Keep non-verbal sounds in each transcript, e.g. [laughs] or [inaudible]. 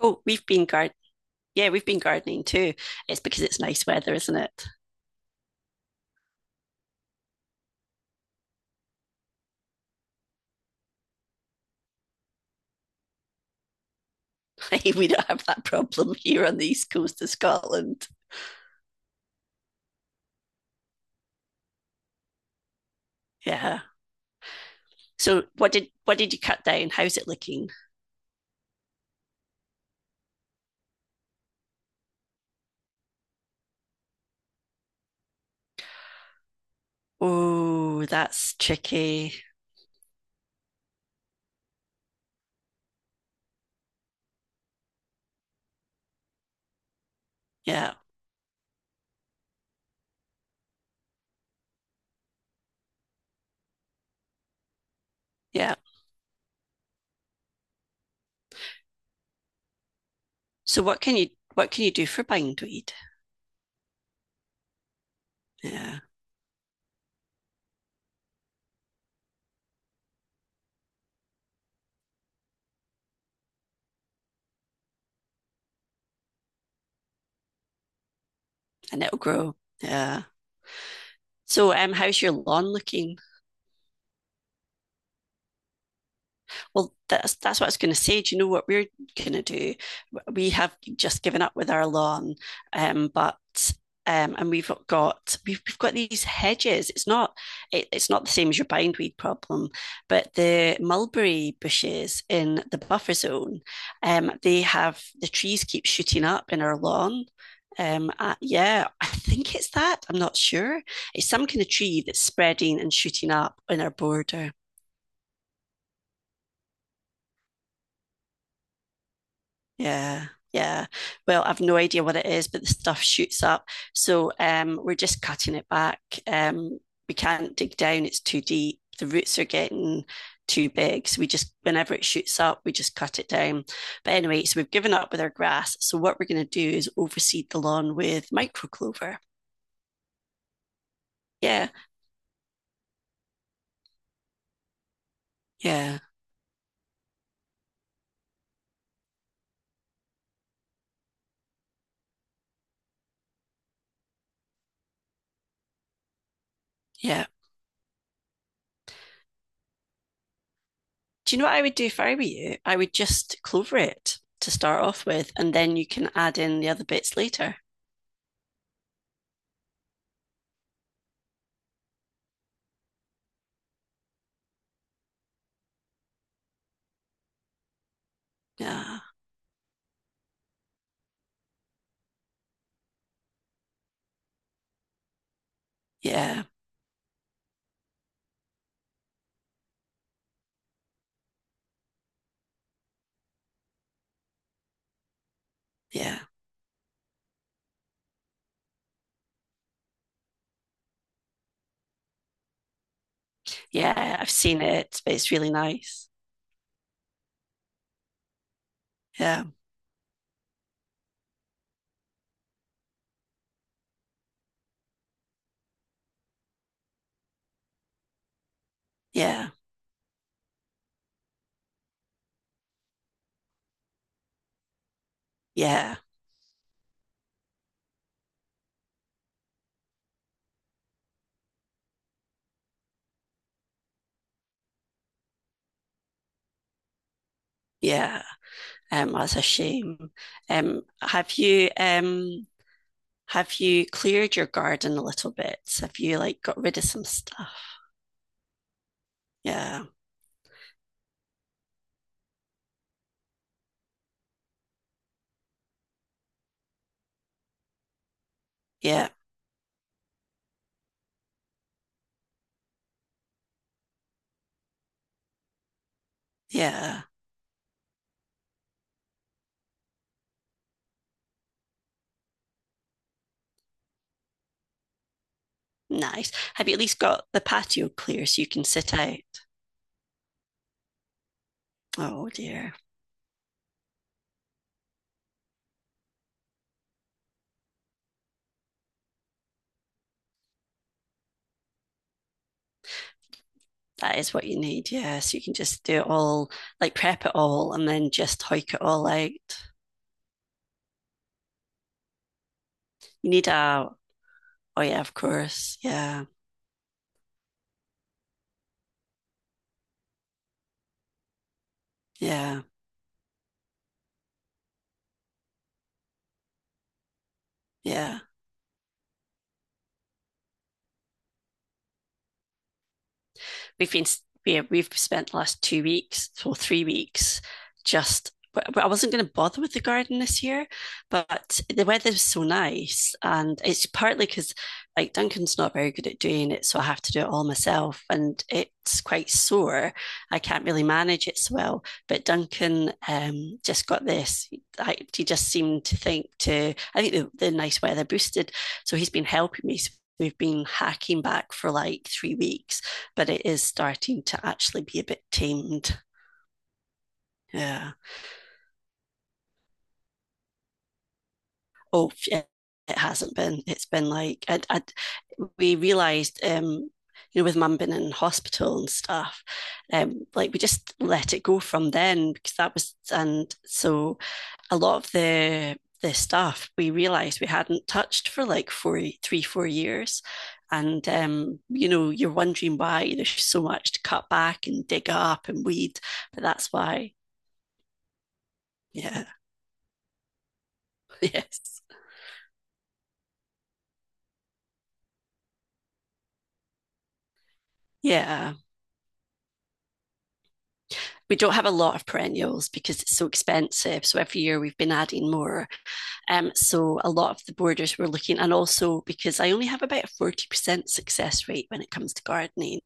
Oh, we've been garden. Yeah, we've been gardening too. It's because it's nice weather, isn't it? [laughs] We don't have that problem here on the east coast of Scotland. Yeah. So what did you cut down? How's it looking? Oh, that's tricky. Yeah, yeah. So what can you do for bindweed? Yeah, and it'll grow. Yeah. So how's your lawn looking? Well, that's what I was going to say. Do you know what we're going to do? We have just given up with our lawn, but and we've got these hedges. It's not it's not the same as your bindweed problem, but the mulberry bushes in the buffer zone, they have the trees keep shooting up in our lawn. Yeah, I think it's that. I'm not sure. It's some kind of tree that's spreading and shooting up in our border. Yeah, yeah. Well, I've no idea what it is, but the stuff shoots up. So we're just cutting it back. Um, we can't dig down, it's too deep. The roots are getting too big. So we just, whenever it shoots up, we just cut it down. But anyway, so we've given up with our grass. So what we're going to do is overseed the lawn with micro clover. Yeah, yeah, yeah. Do you know what I would do if I were you? I would just clover it to start off with, and then you can add in the other bits later. Yeah, yeah, yeah. Yeah, I've seen it, but it's really nice. Yeah, yeah, yeah, yeah. That's a shame. Have you have you cleared your garden a little bit? Have you like got rid of some stuff? Yeah, yeah, yeah. Nice. Have you at least got the patio clear so you can sit out? Oh dear. That is what you need, yeah. So you can just do it all, like prep it all and then just hike it all out. You need a, oh yeah, of course. Yeah, yeah, yeah. We've been yeah, we've spent the last 2 weeks or 3 weeks just I wasn't going to bother with the garden this year, but the weather was so nice, and it's partly because like Duncan's not very good at doing it, so I have to do it all myself, and it's quite sore. I can't really manage it so well. But Duncan just got this. He just seemed to think to. I think the nice weather boosted, so he's been helping me. So we've been hacking back for like 3 weeks but it is starting to actually be a bit tamed. Yeah. Oh, it hasn't been. It's been like we realised, you know, with mum being in hospital and stuff, like we just let it go from then because that was, and so a lot of the stuff we realised we hadn't touched for like four, three, 4 years, and you know you're wondering why there's so much to cut back and dig up and weed, but that's why. Yeah. [laughs] Yes. Yeah. We don't have a lot of perennials because it's so expensive. So every year we've been adding more. So a lot of the borders we're looking, and also because I only have about a 40% success rate when it comes to gardening.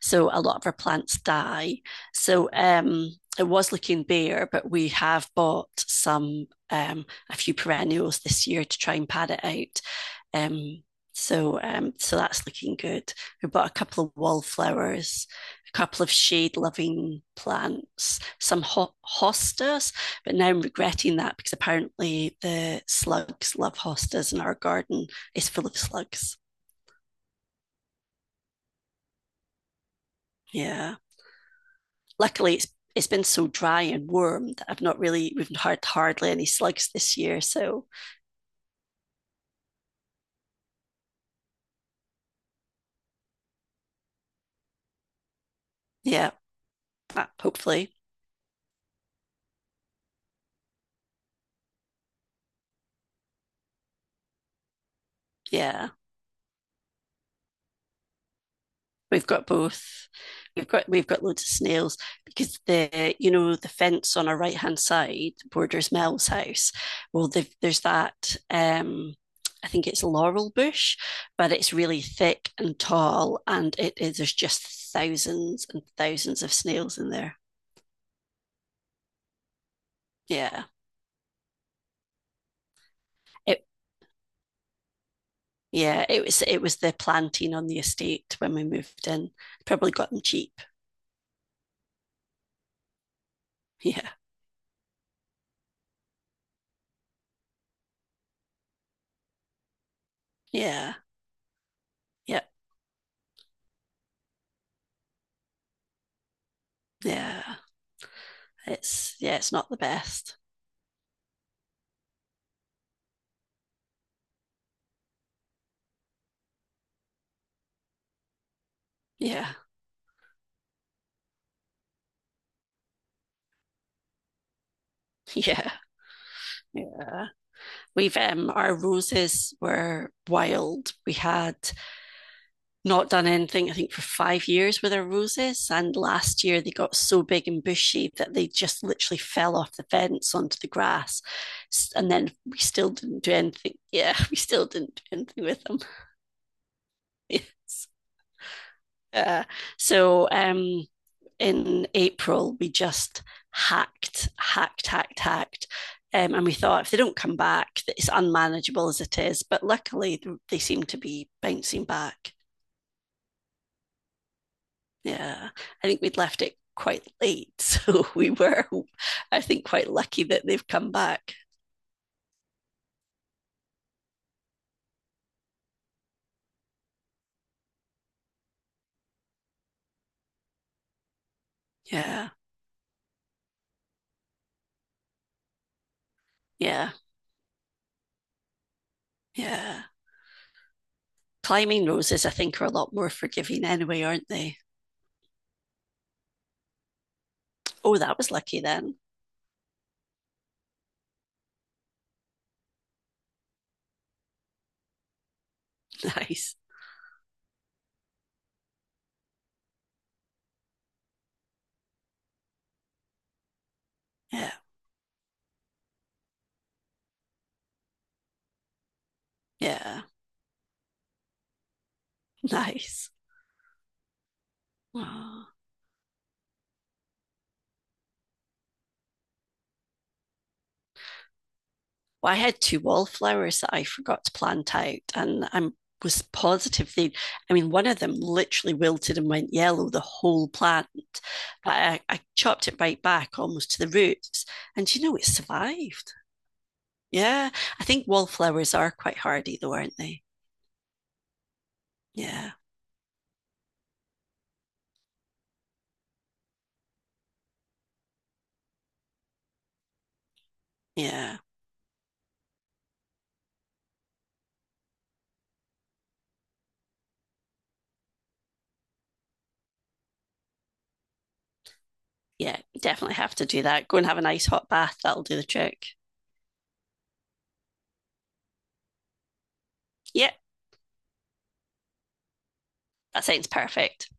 So a lot of our plants die. So it was looking bare, but we have bought some a few perennials this year to try and pad it out. Um, so so that's looking good. We bought a couple of wallflowers, a couple of shade-loving plants, some hostas, but now I'm regretting that because apparently the slugs love hostas, and our garden is full of slugs. Yeah, luckily it's been so dry and warm that I've not really we've had hardly any slugs this year. So yeah, hopefully, yeah. We've got both. We've got loads of snails because the you know the fence on our right hand side borders Mel's house. Well, there's that. I think it's laurel bush, but it's really thick and tall, and it is there's just thousands and thousands of snails in there. Yeah, it yeah it was the planting on the estate when we moved in. Probably got them cheap. [laughs] Yeah, yeah, yeah, yeah. It's yeah, it's not the best. Yeah. [laughs] Yeah. Yeah. We've Our roses were wild. We had not done anything, I think, for 5 years with our roses. And last year they got so big and bushy that they just literally fell off the fence onto the grass. And then we still didn't do anything. Yeah, [laughs] we still didn't do anything with them. [laughs] Yes. Uh, so in April, we just hacked, hacked, hacked, hacked. And we thought if they don't come back, it's unmanageable as it is. But luckily, they seem to be bouncing back. Yeah, I think we'd left it quite late. [laughs] So we were, I think, quite lucky that they've come back. Yeah, yeah, yeah. Climbing roses, I think, are a lot more forgiving anyway, aren't they? Oh, that was lucky then. [laughs] Nice. Yeah, yeah, nice. Aww. Well, I had 2 wallflowers that I forgot to plant out, and I was positive they I mean one of them literally wilted and went yellow the whole plant but I chopped it right back almost to the roots and you know it survived yeah I think wallflowers are quite hardy though aren't they yeah yeah yeah definitely have to do that go and have a nice hot bath that'll do the trick yeah that sounds perfect